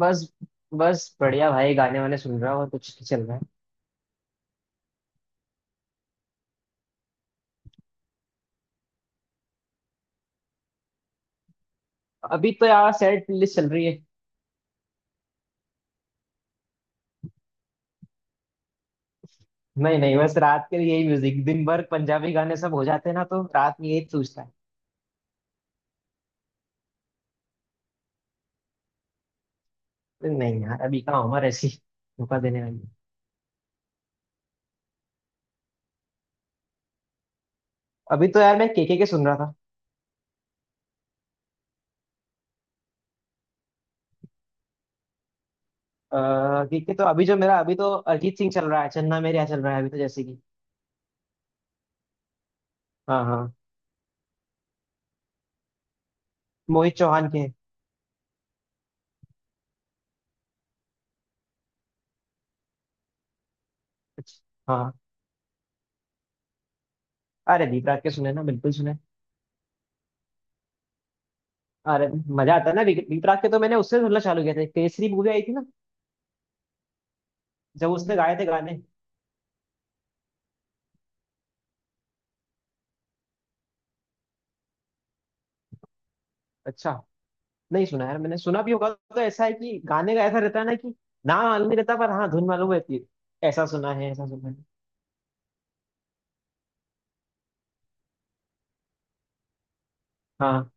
बस बस बढ़िया भाई, गाने वाने सुन रहा हूँ, और कुछ नहीं चल रहा है। अभी तो यार, सैड प्लेलिस्ट चल रही है। नहीं नहीं, बस रात के लिए यही म्यूजिक। दिन भर पंजाबी गाने सब हो जाते हैं ना, तो रात में यही सूझता है। तो नहीं यार, अभी कहाँ उम्र ऐसी धोखा देने वाली है। अभी तो यार, मैं केके के सुन रहा था। केके तो अभी जो मेरा, अभी तो अरिजीत सिंह चल रहा है, चन्ना मेरेया चल रहा है अभी तो, जैसे कि। हाँ हाँ। मोहित चौहान के कुछ-। हाँ, अरे दीप राग के सुने ना, बिल्कुल सुने। अरे, मजा आता है ना। दीप दीप राग के तो मैंने उससे सुनना चालू किया था। केसरी मूवी आई थी ना। जब उसने गाए थे गाने। अच्छा, नहीं सुना यार, मैंने सुना भी होगा। तो ऐसा है कि गाने का ऐसा रहता है ना कि नाम मालूम नहीं रहता, पर हाँ धुन मालूम रहती है। ऐसा सुना है, ऐसा सुना है। हाँ।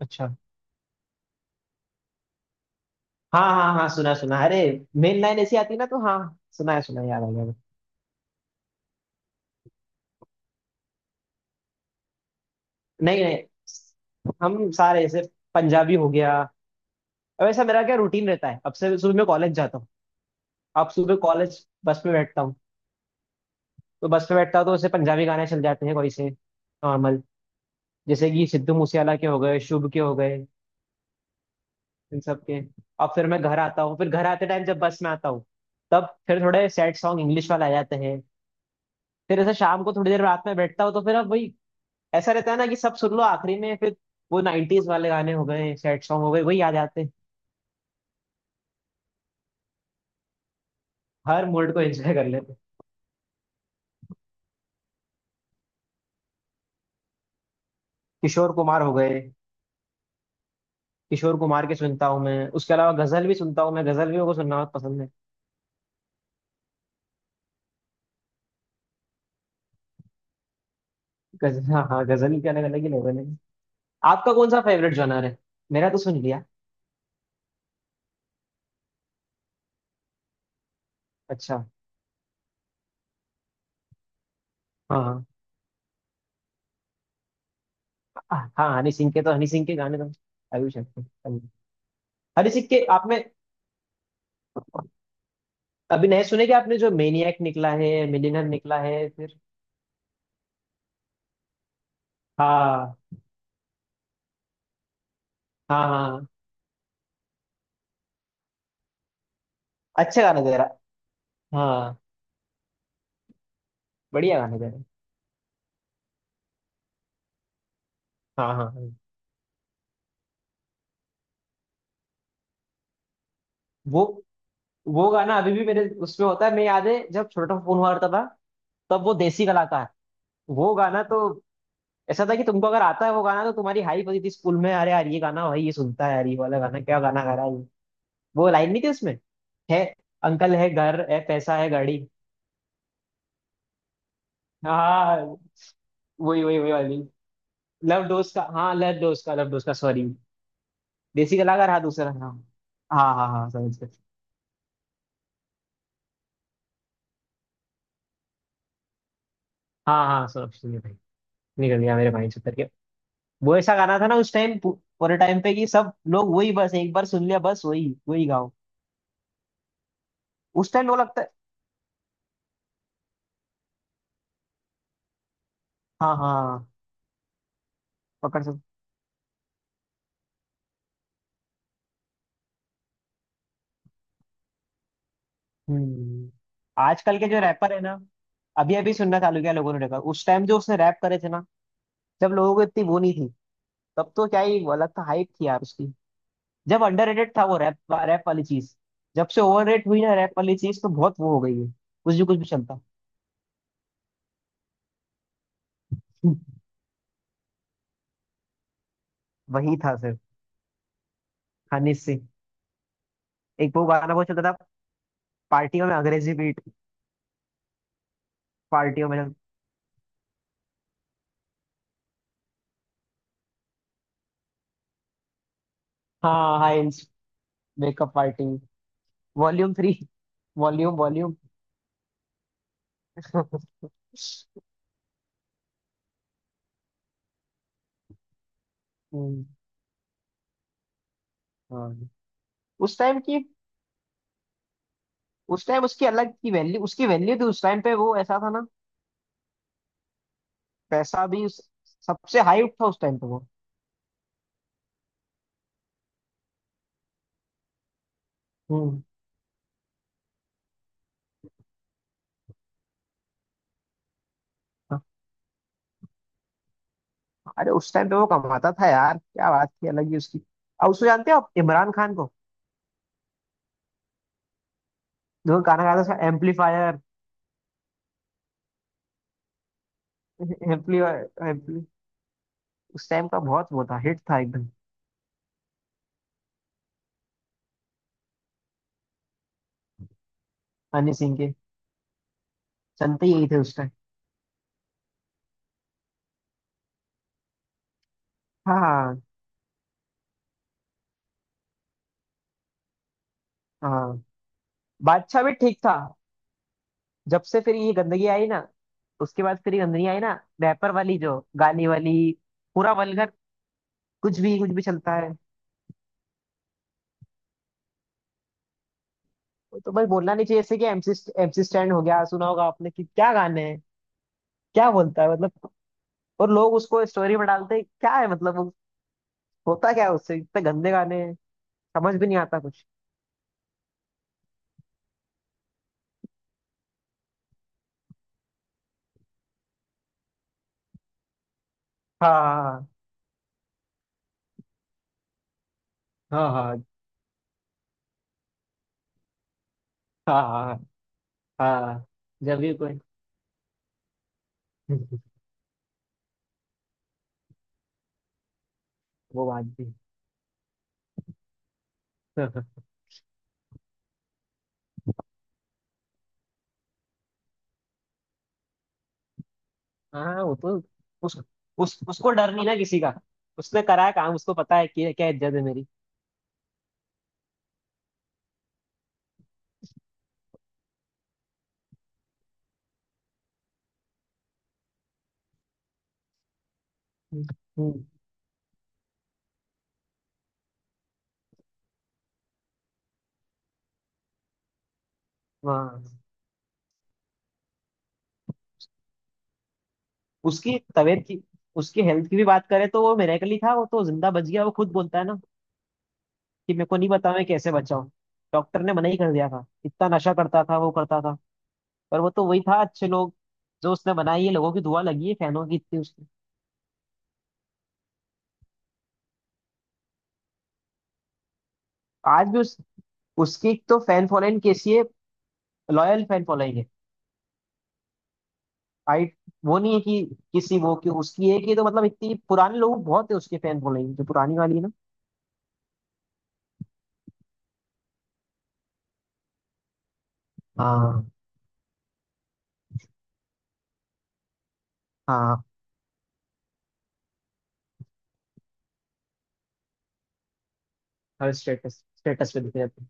अच्छा। हाँ हाँ हाँ, सुना सुना। अरे मेन लाइन ऐसी आती है ना, तो हाँ। सुना है सुना है, याद आ गया। नहीं नहीं, हम सारे ऐसे। पंजाबी हो गया। अब ऐसा मेरा क्या रूटीन रहता है, अब से सुबह मैं कॉलेज जाता हूँ। अब सुबह कॉलेज बस में बैठता हूँ, तो बस में बैठता हूँ तो ऐसे पंजाबी गाने चल जाते हैं, कोई से नॉर्मल। जैसे कि सिद्धू मूसेवाला के हो गए, शुभ के हो गए, इन सब के। अब फिर मैं घर आता हूँ, फिर घर आते टाइम जब बस में आता हूँ, तब फिर थोड़े सैड सॉन्ग इंग्लिश वाले आ जाते हैं। फिर ऐसे शाम को थोड़ी देर रात में बैठता हूँ, तो फिर अब वही ऐसा रहता है ना कि सब सुन लो आखिरी में। फिर वो नाइन्टीज वाले गाने हो गए, सैड सॉन्ग हो गए, वही याद आते हैं। हर मूड को एंजॉय कर लेते हैं। किशोर कुमार हो गए। किशोर कुमार के सुनता हूँ मैं, उसके अलावा गजल भी सुनता हूँ मैं। गजल भी मेरे को सुनना बहुत पसंद है। गजल, हाँ हाँ, गजल के अलग, अलग ही लोगों ने। आपका कौन सा फेवरेट जॉनर है? मेरा तो सुन लिया। अच्छा। हाँ हाँ। हनी सिंह के तो, हनी सिंह के गाने तो अभी सकते हैं। हनी सिंह के आपने अभी नए सुने क्या आपने, जो मेनियक निकला है, मिलियनर निकला है फिर? हाँ हाँ हाँ। अच्छा गाना दे रहा। हाँ, बढ़िया गाना दे रहा। हाँ हाँ हाँ। वो वो गाना अभी भी मेरे उसमें होता है, मैं याद है जब छोटा फोन हुआ करता था, तब वो देसी कलाकार। वो गाना तो ऐसा था कि तुमको अगर आता है वो गाना तो तुम्हारी हाइप होती थी स्कूल में। अरे यार ये गाना, भाई ये सुनता है यार, ये वाला गाना, क्या गाना गा रहा है। वो लाइन नहीं थी उसमें? है अंकल, है घर, है पैसा, है गाड़ी। हाँ, वही वही वही वाली। लव डोज का, हाँ लव डोज का, लव डोज का, सॉरी। देसी कलाकार, हाँ, दूसरा। हाँ। हाँ हाँ हाँ, समझ गए। हाँ हाँ, सब सुनिए भाई। निकल गया मेरे भाई से, उतर के। वो ऐसा गाना था ना उस टाइम, पूरे टाइम पे कि सब लोग वही बस, एक बार सुन लिया बस वही वही गाओ। उस टाइम लोग, लगता है। हाँ हाँ हाँ, पकड़ सब। हम्म। आजकल के जो रैपर है ना, अभी अभी सुनना चालू किया लोगों ने रैपर। उस टाइम जो उसने रैप करे थे ना, जब लोगों को इतनी वो नहीं थी, तब तो क्या ही वो, अलग था, हाइप थी यार उसकी। जब अंडररेटेड था वो रैप रैप वाली चीज, जब से ओवररेट हुई ना रैप वाली चीज, तो बहुत वो हो गई है, कुछ भी चलता। वही था सर। हनी सिंह। एक वो गाना बहुत चलता था पार्टियों में, अंग्रेजी बीट, पार्टियों में। हाँ हाँ। Makeup party. Volume three. Volume volume. हम्म, हाँ। उस टाइम की, उस टाइम उसकी अलग की वैल्यू, उसकी वैल्यू थी उस टाइम पे वो, ऐसा था ना। पैसा भी सबसे हाई उठ था उस टाइम पे वो। हम्म। अरे, उस टाइम पे वो कमाता था यार, क्या बात थी, अलग ही उसकी। अब उसको जानते हो आप, इमरान खान को, जो गाना गाता था एम्पलीफायर। एम्पलीफायर एम्पली उस टाइम का बहुत वो था, हिट था एकदम। हनी सिंह के, सुनते यही थे उस टाइम। हाँ हाँ हाँ। बादशाह भी ठीक था। जब से फिर ये गंदगी आई ना, उसके बाद फिर ये गंदगी आई ना, रैपर वाली, जो गाली वाली, पूरा वल्गर, कुछ भी चलता है। वो तो बस बोलना नहीं चाहिए, जैसे कि एमसी एमसी स्टैंड हो गया, सुना होगा आपने कि क्या गाने हैं, क्या बोलता है मतलब। और लोग उसको स्टोरी में डालते हैं, क्या है मतलब वो-, होता क्या है उससे, इतने गंदे गाने हैं, समझ भी नहीं आता कुछ। हाँ हाँ हाँ। हाँ हाँ हाँ, जब भी कोई। वो बात भी। हाँ, वो तो। उस, उस उसको डर नहीं ना किसी का, उसने करा है काम, उसको पता है कि क्या इज्जत है मेरी। हम्म। हाँ। उसकी तबीयत की, उसकी हेल्थ की भी बात करें तो वो मिरेकल ही था, वो तो जिंदा बच गया। वो खुद बोलता है ना कि मेरे को नहीं पता मैं कैसे बचा हूँ। डॉक्टर ने मना ही कर दिया था। इतना नशा करता था वो, करता था। पर वो तो वही था, अच्छे लोग जो उसने बनाई है, लोगों की दुआ लगी है, फैनों की इतनी उसकी। आज भी उस उसकी एक तो फैन फॉलोइंग कैसी है, लॉयल फैन फॉलोइंग है। आई, वो नहीं है कि, किसी वो कि उसकी है कि, तो मतलब इतनी पुराने लोग बहुत है उसके, फैन फॉलोइंग जो पुरानी वाली है ना। हाँ हाँ। हर स्टेटस स्टेटस पे दिखते रहते हैं।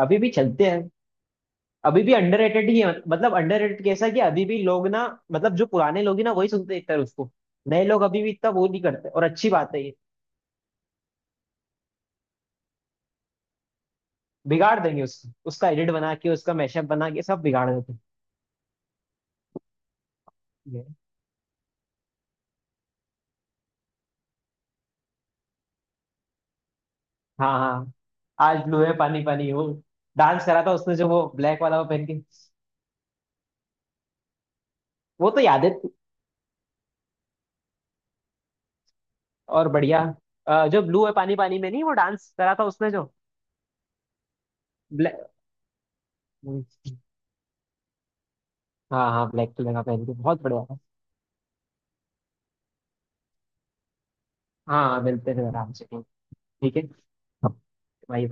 अभी भी चलते हैं। अभी भी अंडररेटेड ही है, मतलब अंडररेटेड कैसा है कि अभी भी लोग ना, मतलब जो पुराने लोग ही ना वही सुनते हैं एक तरह उसको। नए लोग अभी भी इतना वो नहीं करते, और अच्छी बात है ये। बिगाड़ देंगे उसको, उसका एडिट बना के, उसका मैशअप बना के, सब बिगाड़ देते हैं। हाँ हाँ। आज ब्लू है पानी पानी हो। डांस करा था उसने जो वो ब्लैक वाला वो पहन के। वो तो याद है। और बढ़िया। जो ब्लू है पानी पानी में नहीं, वो डांस करा था उसने जो ब्लैक। हाँ हाँ, ब्लैक कलर का पहन के बहुत बढ़िया था। हाँ, मिलते हैं आराम से। ठीक है भाई।